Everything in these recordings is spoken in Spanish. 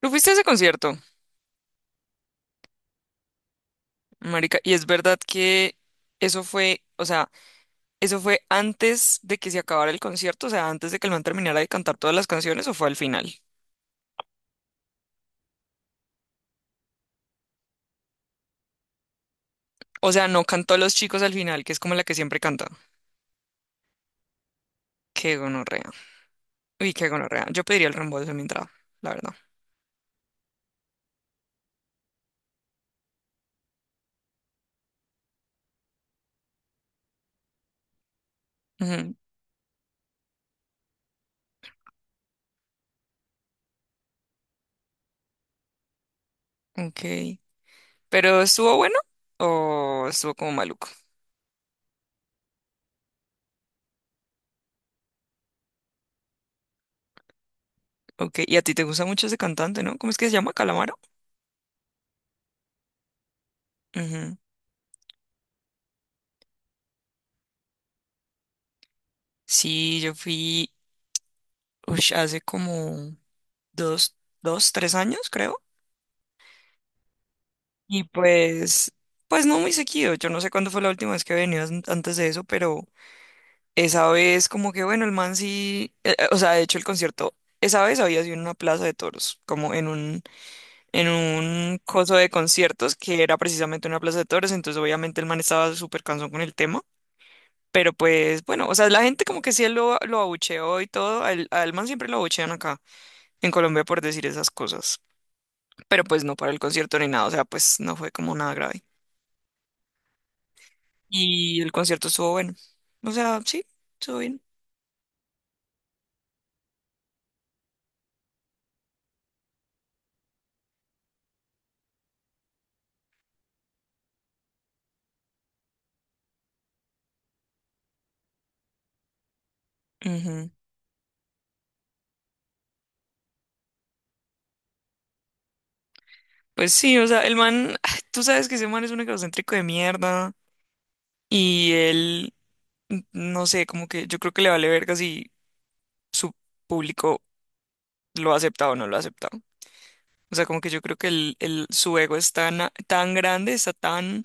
Tú fuiste a ese concierto, marica, y es verdad que eso fue, o sea, eso fue antes de que se acabara el concierto, o sea, antes de que el man terminara de cantar todas las canciones, o fue al final. O sea, no cantó Los Chicos al final, que es como la que siempre canta. Qué gonorrea. Uy, qué gonorrea. Yo pediría el reembolso de mi entrada, la verdad. Ujú. Ok. ¿Pero estuvo bueno o estuvo como maluco? Ok. Y a ti te gusta mucho ese cantante, ¿no? ¿Cómo es que se llama? ¿Calamaro? Ujú. Sí, yo fui, hace como 2, 2, 3 años, creo. Y pues no muy seguido. Yo no sé cuándo fue la última vez que he venido antes de eso, pero esa vez como que, bueno, el man sí, o sea, de hecho el concierto, esa vez había sido en una plaza de toros, como en un, coso de conciertos que era precisamente una plaza de toros, entonces obviamente el man estaba súper cansón con el tema. Pero pues bueno, o sea, la gente como que sí lo abucheó y todo. Al man siempre lo abuchean acá en Colombia por decir esas cosas, pero pues no para el concierto ni nada, o sea, pues no fue como nada grave. Y el concierto estuvo bueno. O sea, sí, estuvo bien. Ujú. Pues sí, o sea, el man, tú sabes que ese man es un egocéntrico de mierda y él, no sé, como que yo creo que le vale verga si su público lo ha aceptado o no lo ha aceptado. O sea, como que yo creo que su ego es tan, tan grande, está tan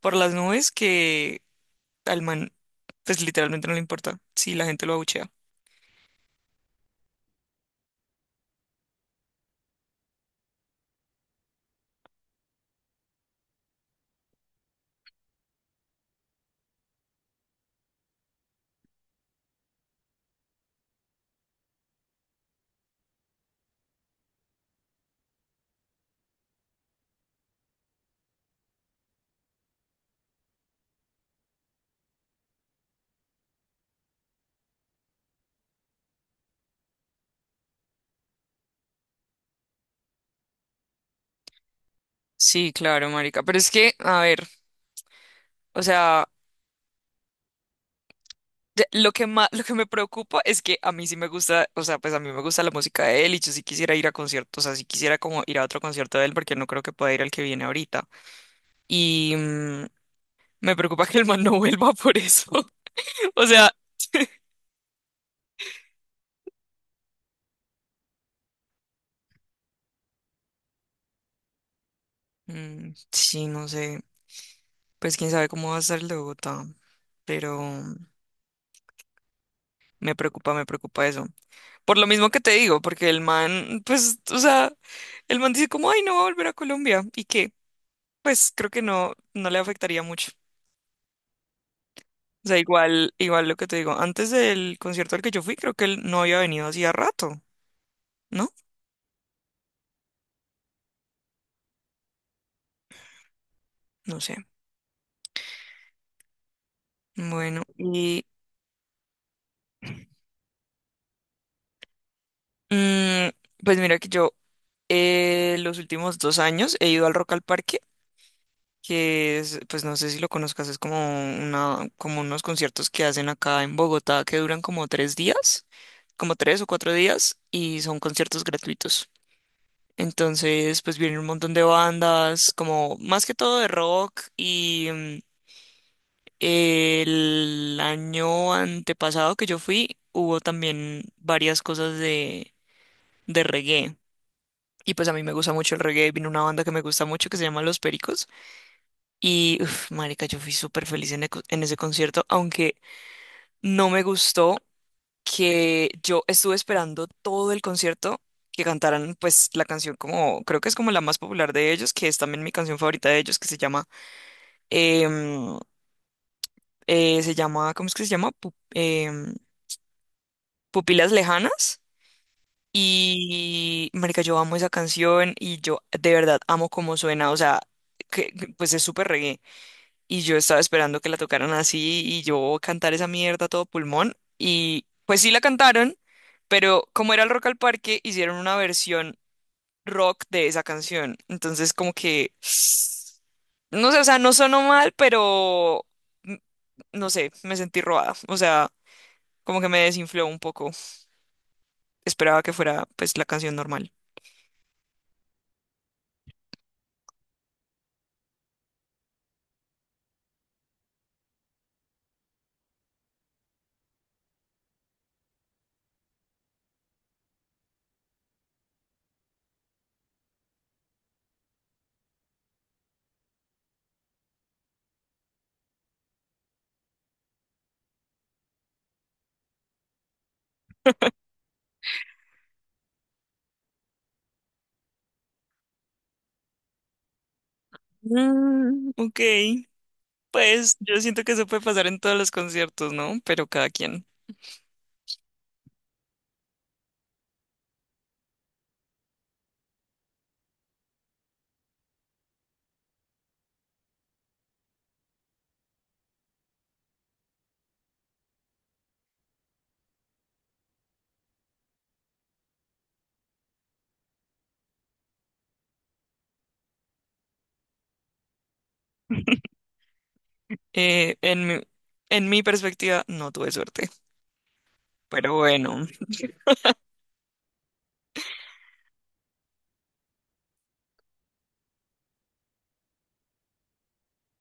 por las nubes que al man, pues literalmente no le importa si la gente lo abuchea. Sí, claro, marica. Pero es que, a ver. O sea, lo que me preocupa es que a mí sí me gusta, o sea, pues a mí me gusta la música de él y yo sí quisiera ir a conciertos, o sea, sí quisiera como ir a otro concierto de él porque no creo que pueda ir al que viene ahorita. Y me preocupa que el man no vuelva por eso. O sea, sí, no sé, pues quién sabe cómo va a ser el de Bogotá, pero me preocupa eso. Por lo mismo que te digo, porque el man, pues, o sea, el man dice como, ay, no va a volver a Colombia y que, pues creo que no, no le afectaría mucho. O sea, igual, igual lo que te digo, antes del concierto al que yo fui, creo que él no había venido hacía rato, ¿no? No sé. Bueno, y mm, pues mira que yo los últimos 2 años he ido al Rock al Parque, que es, pues no sé si lo conozcas, es como como unos conciertos que hacen acá en Bogotá que duran como 3 días, como 3 o 4 días, y son conciertos gratuitos. Entonces, pues vienen un montón de bandas, como más que todo de rock y el año antepasado que yo fui, hubo también varias cosas de, reggae. Y pues a mí me gusta mucho el reggae. Vino una banda que me gusta mucho que se llama Los Pericos. Y, uff, marica, yo fui súper feliz en ese concierto, aunque no me gustó que yo estuve esperando todo el concierto que cantaran, pues, la canción como, creo que es como la más popular de ellos, que es también mi canción favorita de ellos, que se llama, em, ¿cómo es que se llama? Pupilas Lejanas. Y, marica, yo amo esa canción y yo de verdad amo cómo suena, o sea, que, pues es súper reggae. Y yo estaba esperando que la tocaran así y yo cantar esa mierda a todo pulmón. Y pues sí la cantaron, pero como era el Rock al Parque, hicieron una versión rock de esa canción. Entonces como que, no sé, o sea, no sonó mal, pero, mm, no sé, me sentí robada. O sea, como que me desinfló un poco. Esperaba que fuera pues la canción normal. Mm, ok, pues yo siento que eso puede pasar en todos los conciertos, ¿no? Pero cada quien. Eh, en mi, en mi perspectiva, no tuve suerte. Pero bueno,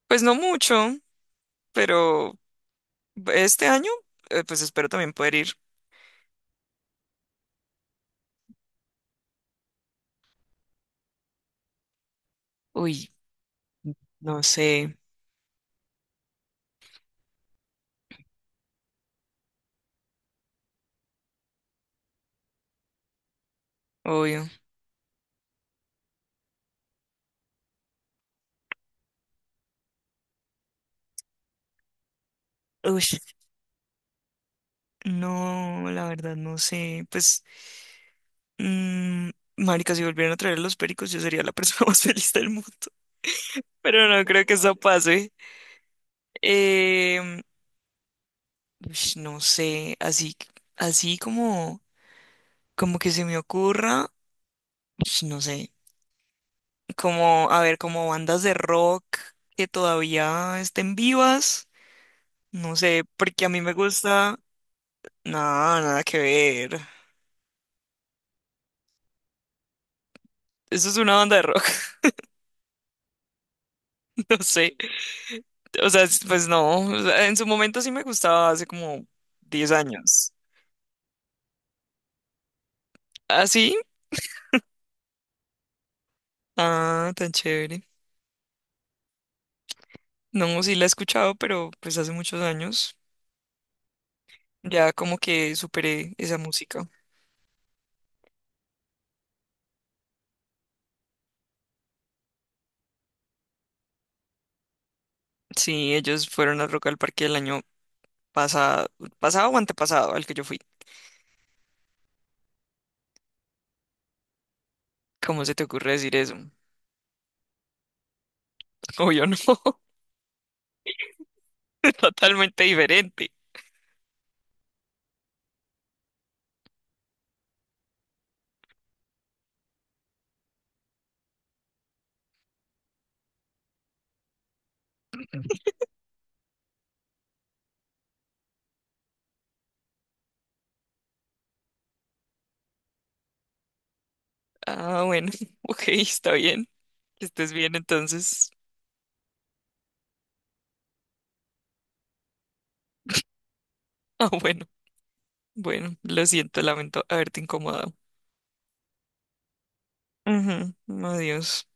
pues no mucho, pero este año, pues espero también poder ir. Uy, no sé, obvio. Uy, no, la verdad no sé. Pues, mm, marica, si volvieran a traer a los pericos, yo sería la persona más feliz del mundo. Pero no creo que eso pase. Em, no sé, así como que se me ocurra, no sé, como, a ver, como bandas de rock que todavía estén vivas, no sé, porque a mí me gusta, nada, nada que ver. Eso es una banda de rock. No sé, o sea, pues no, o sea, en su momento sí me gustaba hace como 10 años. ¿Ah, sí? Ah, tan chévere. No, sí la he escuchado, pero pues hace muchos años ya como que superé esa música. Sí, ellos fueron al Rock al Parque el año pasado, pasado o antepasado al que yo fui. ¿Cómo se te ocurre decir eso? Obvio no, es totalmente diferente. Ah, bueno, ok, está bien. Que estés bien entonces. Ah, bueno, bueno, lo siento, lamento haberte incomodado. Ujú. Adiós.